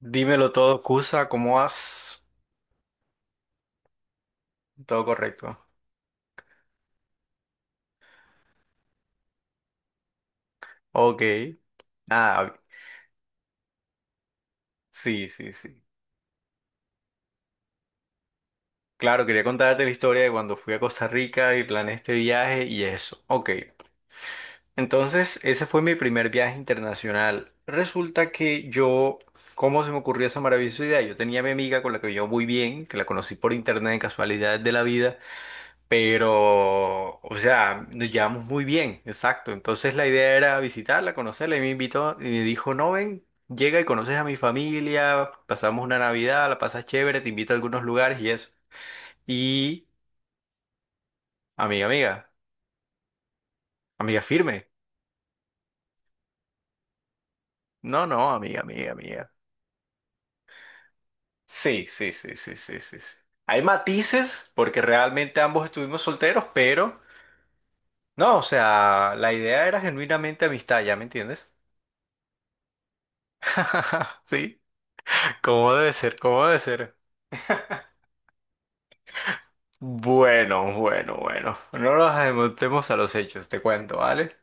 Dímelo todo, Cusa, ¿cómo vas? Todo correcto. Ok. Ah, sí, sí, sí. Claro, quería contarte la historia de cuando fui a Costa Rica y planeé este viaje y eso. Ok. Entonces, ese fue mi primer viaje internacional. Resulta que yo, ¿cómo se me ocurrió esa maravillosa idea? Yo tenía a mi amiga con la que yo muy bien, que la conocí por internet en casualidades de la vida. Pero, o sea, nos llevamos muy bien, exacto. Entonces la idea era visitarla, conocerla, y me invitó y me dijo, no, ven, llega y conoces a mi familia, pasamos una Navidad, la pasas chévere, te invito a algunos lugares y eso. Y, amiga, amiga, amiga firme. No, no, amiga, amiga, amiga. Sí, sí, sí, sí, sí, sí, sí. Hay matices porque realmente ambos estuvimos solteros, pero no, o sea, la idea era genuinamente amistad, ¿ya me entiendes? Sí, ¿cómo debe ser? ¿Cómo debe ser? Bueno, bueno, bueno. No nos adelantemos a los hechos, te cuento, ¿vale?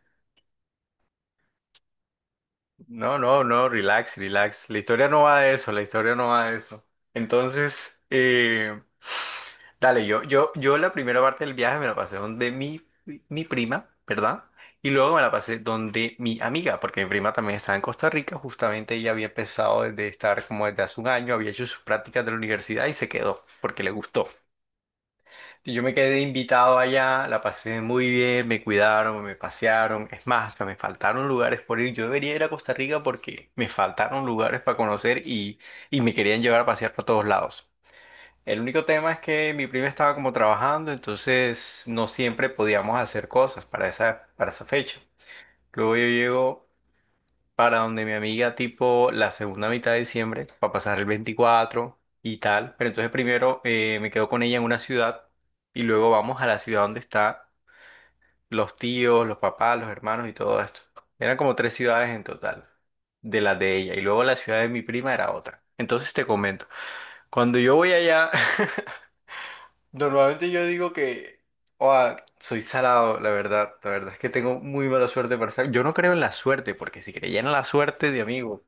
No, no, no, relax, relax. La historia no va de eso, la historia no va de eso. Entonces, dale, yo la primera parte del viaje me la pasé donde mi prima, ¿verdad? Y luego me la pasé donde mi amiga, porque mi prima también estaba en Costa Rica, justamente ella había empezado desde estar como desde hace un año, había hecho sus prácticas de la universidad y se quedó, porque le gustó. Yo me quedé invitado allá, la pasé muy bien, me cuidaron, me pasearon. Es más, hasta me faltaron lugares por ir. Yo debería ir a Costa Rica porque me faltaron lugares para conocer y me querían llevar a pasear por todos lados. El único tema es que mi prima estaba como trabajando, entonces no siempre podíamos hacer cosas para esa fecha. Luego yo llego para donde mi amiga tipo la segunda mitad de diciembre, para pasar el 24 y tal. Pero entonces primero me quedo con ella en una ciudad y luego vamos a la ciudad donde están los tíos, los papás, los hermanos y todo esto. Eran como tres ciudades en total, de las de ella. Y luego la ciudad de mi prima era otra. Entonces te comento, cuando yo voy allá, normalmente yo digo que... "Oa, soy salado, la verdad. La verdad es que tengo muy mala suerte para estar. Yo no creo en la suerte, porque si creyera en la suerte de amigo,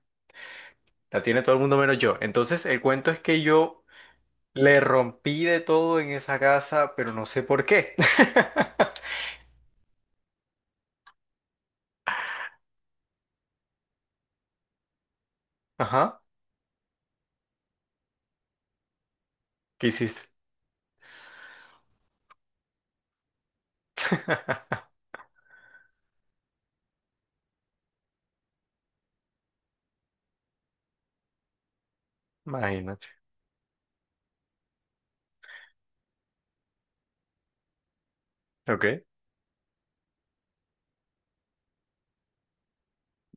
la tiene todo el mundo menos yo". Entonces, el cuento es que yo le rompí de todo en esa casa, pero no sé por qué. Ajá. ¿Qué hiciste? Imagínate. Ok.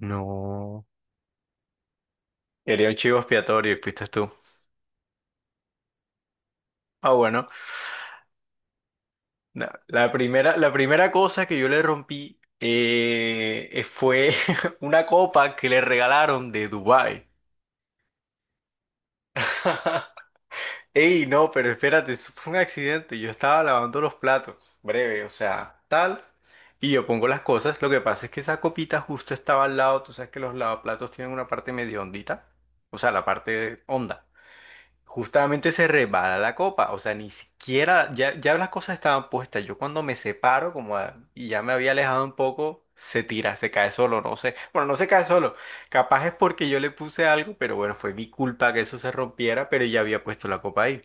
No. Quería un chivo expiatorio y fuiste tú. Ah, bueno. No, la primera cosa que yo le rompí fue una copa que le regalaron de Dubái. Ey, no, pero espérate, eso fue un accidente. Yo estaba lavando los platos, breve, o sea, tal. Y yo pongo las cosas. Lo que pasa es que esa copita justo estaba al lado. Tú sabes que los lavaplatos tienen una parte medio hondita. O sea, la parte honda. Justamente se resbala la copa. O sea, ni siquiera, ya las cosas estaban puestas. Yo cuando me separo, como y ya me había alejado un poco, se tira, se cae solo, no sé. Bueno, no se cae solo. Capaz es porque yo le puse algo, pero bueno, fue mi culpa que eso se rompiera, pero ya había puesto la copa ahí.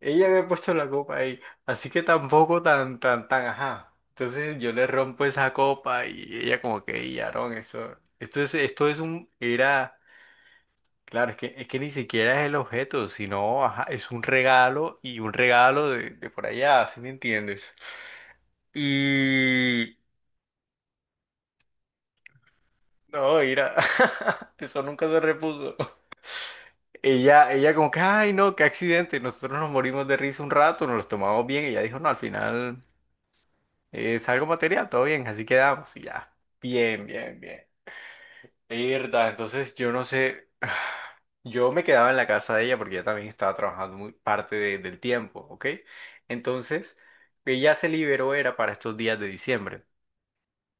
Ella había puesto la copa ahí, así que tampoco tan, tan, tan, ajá. Entonces yo le rompo esa copa y ella como que, y Aarón, eso, esto es un, era, claro, es que ni siquiera es el objeto, sino, ajá, es un regalo y un regalo de por allá, ¿sí me entiendes? Y, no, mira, eso nunca se repuso. Ella como que, ay, no, qué accidente, nosotros nos morimos de risa un rato, nos los tomamos bien, y ella dijo, no, al final... Es algo material, todo bien, así quedamos y ya. Bien, bien, bien. Irda, entonces yo no sé, yo me quedaba en la casa de ella porque ella también estaba trabajando muy del tiempo, ¿ok? Entonces, ella se liberó era para estos días de diciembre.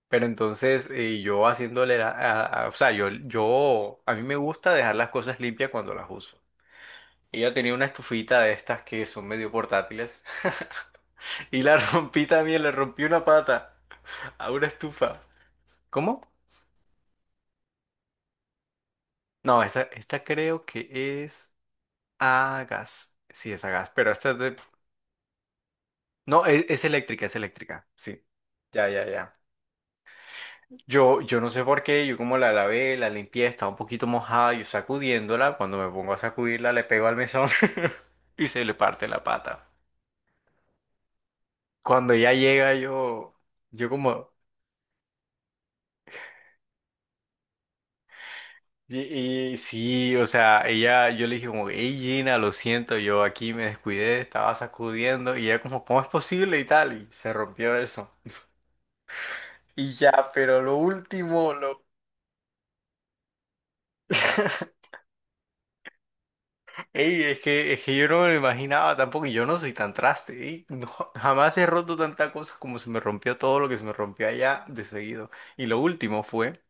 Pero entonces yo haciéndole, o sea, yo, a mí me gusta dejar las cosas limpias cuando las uso. Ella tenía una estufita de estas que son medio portátiles y la rompí también, le rompí una pata a una estufa. ¿Cómo? No, esta creo que es a gas. Sí, es a gas, pero esta es de... No, es eléctrica, es eléctrica. Sí. Ya, ya, ya. Yo no sé por qué, yo como la lavé, la limpié, estaba un poquito mojada, yo sacudiéndola, cuando me pongo a sacudirla le pego al mesón y se le parte la pata. Cuando ella llega, yo como, y sí, o sea, ella, yo le dije como, hey Gina, lo siento, yo aquí me descuidé, estaba sacudiendo y ella como, ¿cómo es posible y tal? Y se rompió eso. Y ya, pero lo último, lo... Ey, es que yo no me lo imaginaba tampoco, y yo no soy tan traste, ey, no, jamás he roto tanta cosa como se me rompió todo lo que se me rompió allá de seguido. Y lo último fue,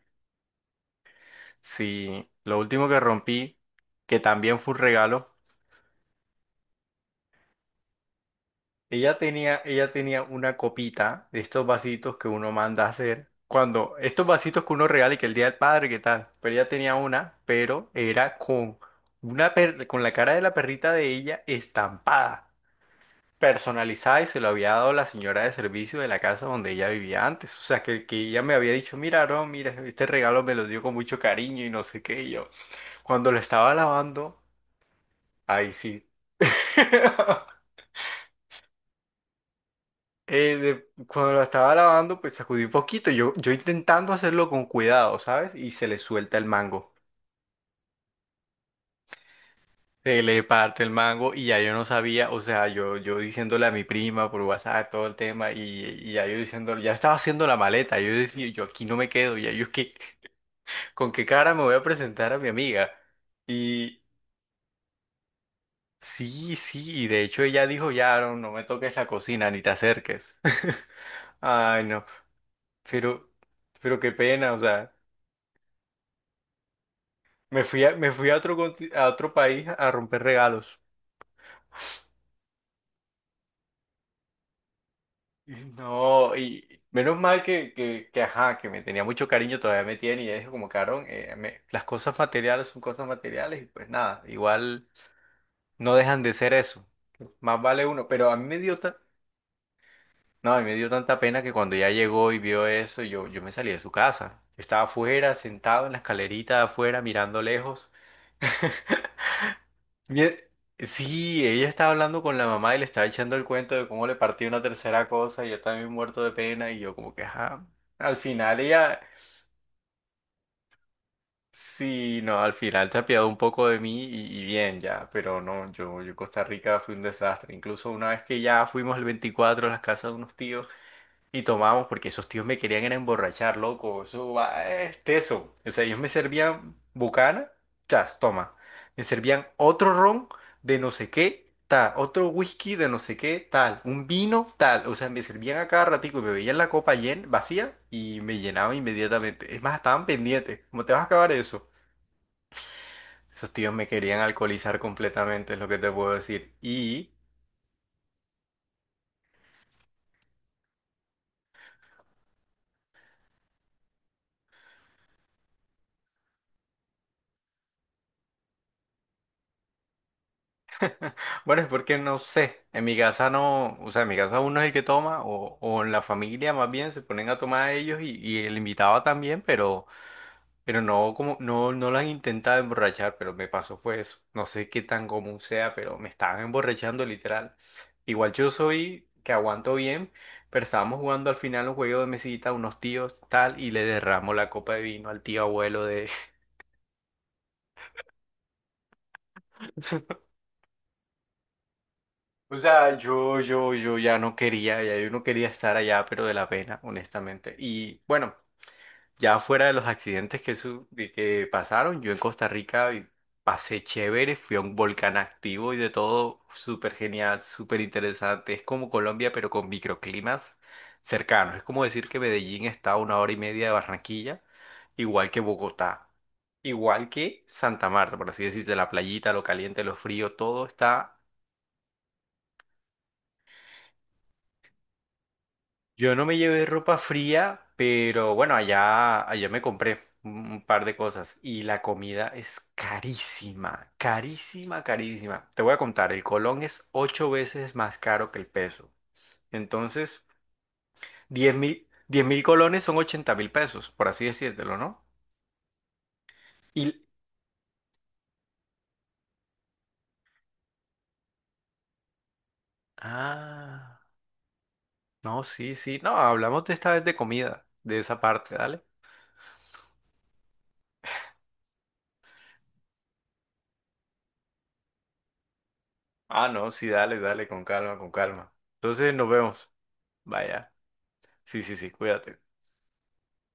sí, lo último que rompí, que también fue un regalo, ella tenía una copita de estos vasitos que uno manda a hacer. Cuando, estos vasitos que uno regala y que el Día del Padre, ¿qué tal? Pero ella tenía una, pero era con una con la cara de la perrita de ella estampada, personalizada y se lo había dado la señora de servicio de la casa donde ella vivía antes. O sea, que ella me había dicho, mira, no, mira, este regalo me lo dio con mucho cariño y no sé qué. Y yo, cuando lo estaba lavando, ahí sí. Cuando la estaba lavando, pues sacudí un poquito. Yo intentando hacerlo con cuidado, ¿sabes? Y se le suelta el mango. Se le parte el mango y ya yo no sabía, o sea, yo diciéndole a mi prima por WhatsApp todo el tema y ya yo diciéndole, ya estaba haciendo la maleta. Yo decía, yo aquí no me quedo, ya yo es que, ¿con qué cara me voy a presentar a mi amiga? Y sí, sí, y de hecho ella dijo, ya, no, no me toques la cocina, ni te acerques. Ay, no, pero, pero qué pena, o sea. Me fui a otro, a otro país a romper regalos. Y no, y menos mal que, ajá, que me tenía mucho cariño, todavía me tiene, y ya dijo como, cabrón, las cosas materiales son cosas materiales, y pues nada, igual no dejan de ser eso. Más vale uno, pero a mí me dio, no, a mí me dio tanta pena que cuando ya llegó y vio eso, yo me salí de su casa. Yo estaba afuera, sentado en la escalerita de afuera, mirando lejos. Y e- Sí, ella estaba hablando con la mamá y le estaba echando el cuento de cómo le partió una tercera cosa y yo también muerto de pena y yo como que, ajá, al final ella, sí, no, al final se apiadó un poco de mí y bien ya, pero no, yo Costa Rica fue un desastre, incluso una vez que ya fuimos el 24 a las casas de unos tíos. Y tomábamos porque esos tíos me querían era emborrachar, loco. Eso va, es teso. O sea, ellos me servían bucana, chas, toma. Me servían otro ron de no sé qué, tal. Otro whisky de no sé qué, tal. Un vino, tal. O sea, me servían a cada ratico. Me veían la copa llen, vacía y me llenaba inmediatamente. Es más, estaban pendientes. ¿Cómo te vas a acabar eso? Esos tíos me querían alcoholizar completamente, es lo que te puedo decir. Y bueno, es porque no sé, en mi casa no, o sea, en mi casa uno es el que toma, o en la familia más bien se ponen a tomar ellos y el invitado también, pero no, como, no, no lo han intentado emborrachar, pero me pasó fue eso. No sé qué tan común sea, pero me estaban emborrachando literal. Igual yo soy que aguanto bien, pero estábamos jugando al final un juego de mesita, unos tíos, tal, y le derramo la copa de vino al tío abuelo de. O sea, yo ya no quería, ya yo no quería estar allá, pero de la pena, honestamente. Y bueno, ya fuera de los accidentes que, de que pasaron, yo en Costa Rica y pasé chévere, fui a un volcán activo y de todo, súper genial, súper interesante. Es como Colombia, pero con microclimas cercanos. Es como decir que Medellín está a una hora y media de Barranquilla, igual que Bogotá. Igual que Santa Marta, por así decirte, la playita, lo caliente, lo frío, todo está. Yo no me llevé ropa fría, pero bueno, allá, allá me compré un par de cosas y la comida es carísima, carísima, carísima. Te voy a contar, el colón es ocho veces más caro que el peso. Entonces, diez mil colones son 80.000 pesos, por así decírtelo, ¿no? Y... Ah, no, sí, sí, no, hablamos de esta vez de comida, de esa parte, dale. Ah, no, sí, dale, dale, con calma, con calma. Entonces, nos vemos. Vaya. Sí, sí, sí, cuídate.